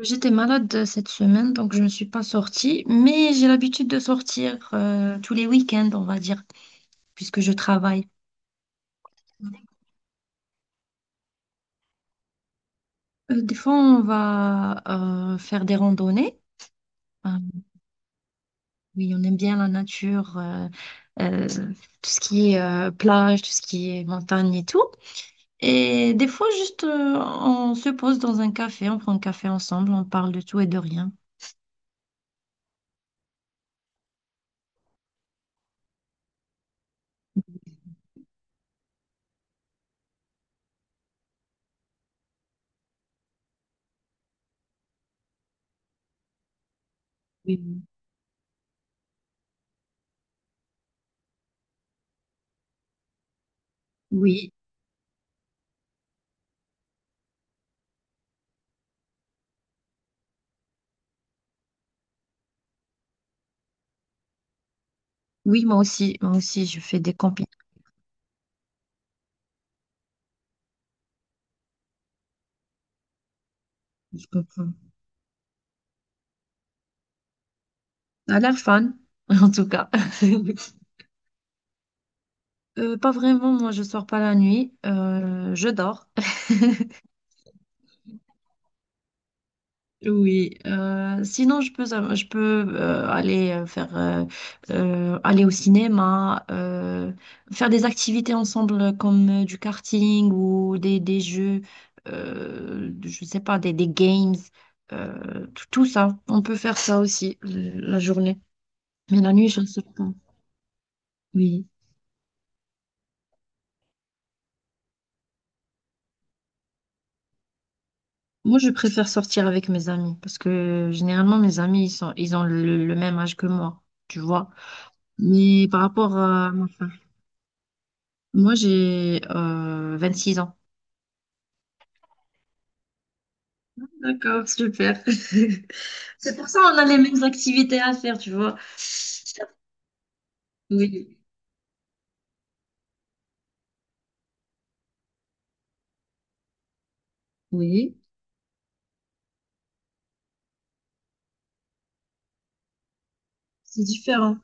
J'étais malade cette semaine, donc je ne suis pas sortie, mais j'ai l'habitude de sortir tous les week-ends, on va dire, puisque je travaille. Des fois, on va faire des randonnées. Euh, oui, on aime bien la nature, tout ce qui est plage, tout ce qui est montagne et tout. Et des fois, juste, on se pose dans un café, on prend un café ensemble, on parle de tout et de rien. Oui, oui, oui, moi aussi, je fais des compétitions. Ça a l'air fun, en tout cas. Pas vraiment, moi je sors pas la nuit, je dors. Oui, sinon je peux aller faire aller au cinéma, faire des activités ensemble comme du karting ou des jeux, je sais pas, des games, tout, tout ça. On peut faire ça aussi la journée, mais la nuit je ne sais pas. Oui. Moi, je préfère sortir avec mes amis parce que généralement, mes amis, ils ont le même âge que moi, tu vois. Mais par rapport à ma femme, moi, j'ai 26 ans. D'accord, super. C'est pour ça qu'on a les mêmes activités à faire, tu vois. Oui, oui, c'est différent.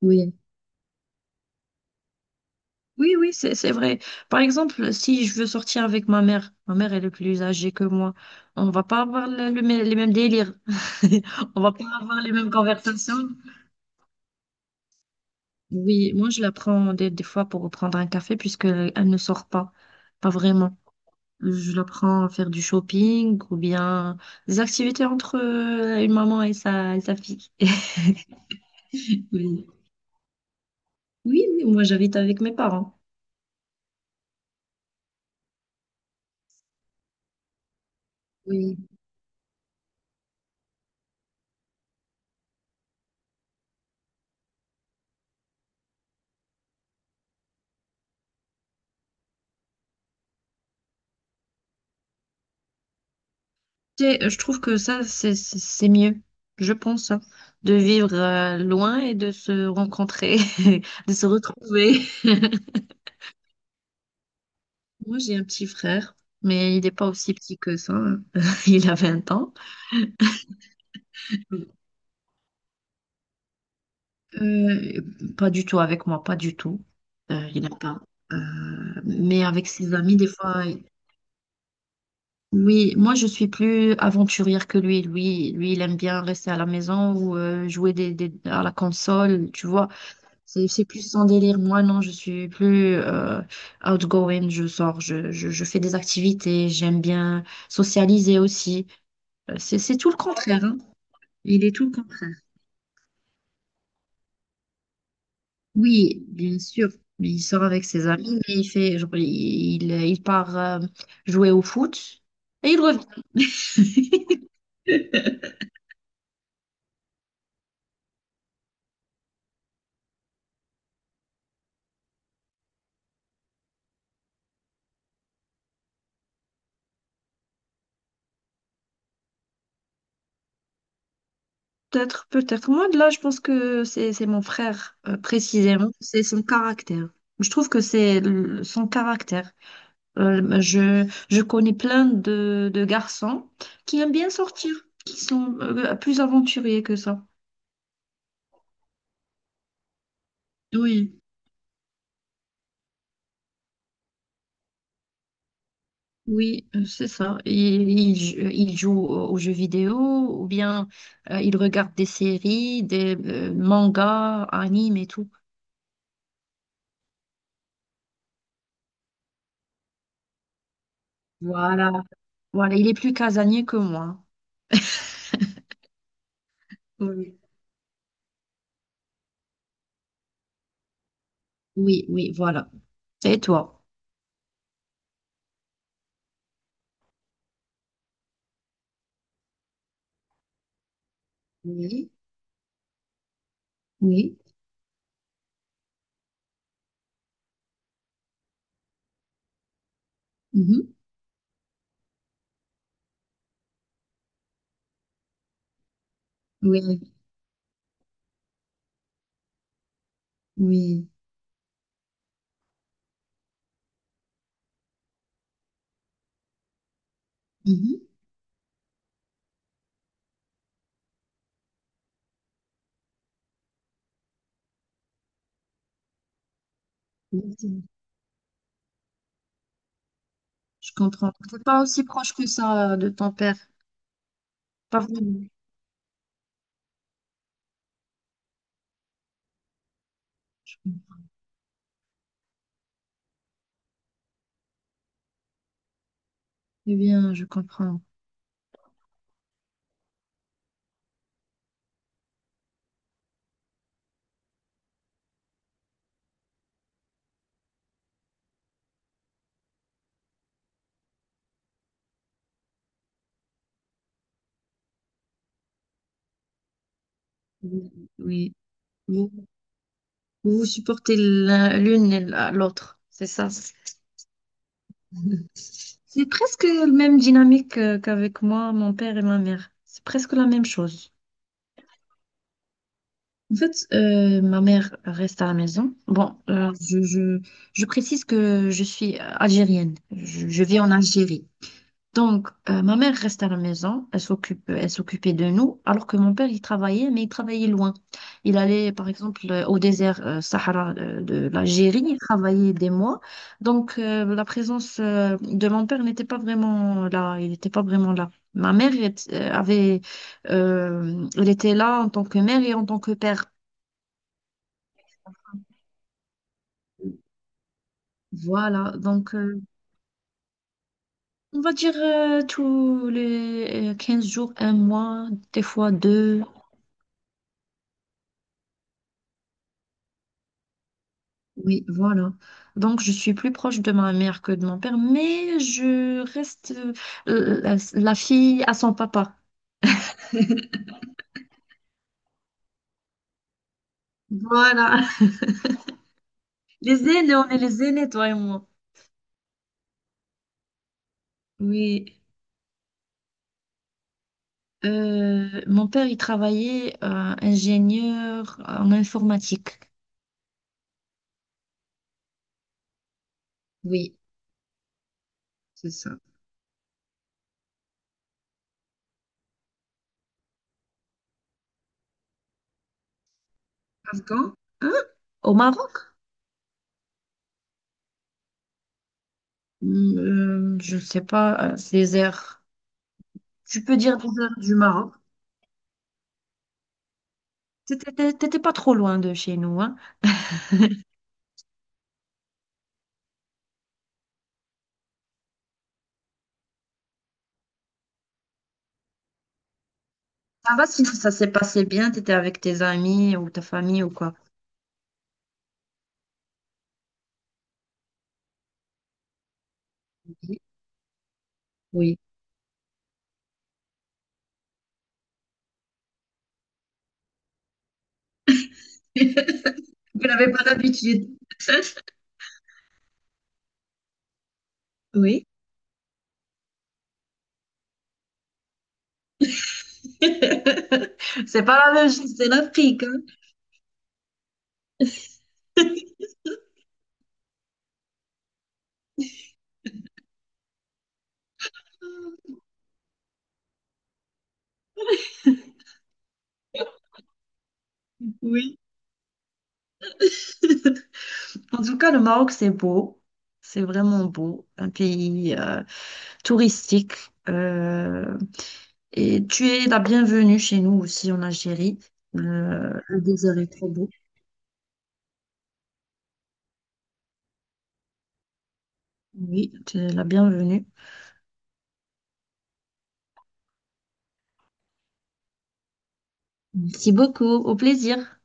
Oui. Oui, oui, c'est vrai. Par exemple, si je veux sortir avec ma mère, elle est plus âgée que moi, on va pas avoir les mêmes délires. On va pas avoir les mêmes conversations. Oui, moi je la prends des fois pour prendre un café puisque elle ne sort pas, pas vraiment. Je la prends à faire du shopping ou bien des activités entre une maman et sa fille. Oui, oui, oui, moi j'habite avec mes parents. Oui. Tu sais, je trouve que ça c'est mieux, je pense, hein, de vivre loin et de se rencontrer, de se retrouver. Moi j'ai un petit frère, mais il n'est pas aussi petit que ça, hein. Il a 20 ans. Euh, Pas du tout avec moi, pas du tout. Il n'a pas. Euh, mais avec ses amis, des fois, oui, moi je suis plus aventurière que lui. Lui, il aime bien rester à la maison ou jouer à la console, tu vois. C'est plus son délire. Moi, non, je suis plus outgoing. Je sors, je fais des activités. J'aime bien socialiser aussi. C'est tout le contraire, hein. Il est tout le contraire. Oui, bien sûr. Il sort avec ses amis, mais il fait, genre, il part jouer au foot et il revient. Peut-être, peut-être. Moi, de là, je pense que c'est mon frère, précisément. C'est son caractère. Je trouve que c'est son caractère. Je connais plein de garçons qui aiment bien sortir, qui sont plus aventuriers que ça. Oui. Oui, c'est ça. Ils, ils jouent aux jeux vidéo ou bien ils regardent des séries, des mangas, animes et tout. Voilà. Voilà, il est plus casanier que moi. Oui. Oui, oui, voilà. Et toi? Oui, oui. Mhm. Oui, oui. Mhm. Merci. Je comprends. T'es pas aussi proche que ça de ton père. Pas vraiment. Je- Eh bien, je comprends. Oui. Oui. Vous vous supportez l'une et l'autre, c'est ça. C'est presque la même dynamique qu'avec moi, mon père et ma mère. C'est presque la même chose. En fait, ma mère reste à la maison. Bon, je précise que je suis algérienne. Je vis en Algérie. Donc, ma mère reste à la maison, elle s'occupe, elle s'occupait de nous, alors que mon père, il travaillait, mais il travaillait loin. Il allait, par exemple, au désert Sahara de l'Algérie, il travaillait des mois. Donc, la présence de mon père n'était pas vraiment là, il n'était pas vraiment là. Ma mère elle était là en tant que mère et en tant que père. Voilà, donc on va dire tous les 15 jours, un mois, des fois deux. Oui, voilà. Donc, je suis plus proche de ma mère que de mon père, mais je reste la, la fille à son papa. Voilà. Les aînés, on est les aînés, toi et moi. Oui. Mon père, il travaillait ingénieur en informatique. Oui, c'est ça. Afghan? Hein? Au Maroc? Hmm, je ne sais pas, les airs. Tu peux dire les airs du Maroc. T'étais pas trop loin de chez nous, hein? Ça va si ça s'est passé bien, tu étais avec tes amis ou ta famille ou quoi? Oui. Oui. Vous n'avez pas l'habitude. Oui. C'est pas la même chose, c'est l'Afrique, hein. Oui. En tout cas, le Maroc, c'est beau. C'est vraiment beau. Un pays touristique. euh, et tu es la bienvenue chez nous aussi en Algérie. Le désert est trop beau. Oui, tu es la bienvenue. Merci beaucoup. Au plaisir.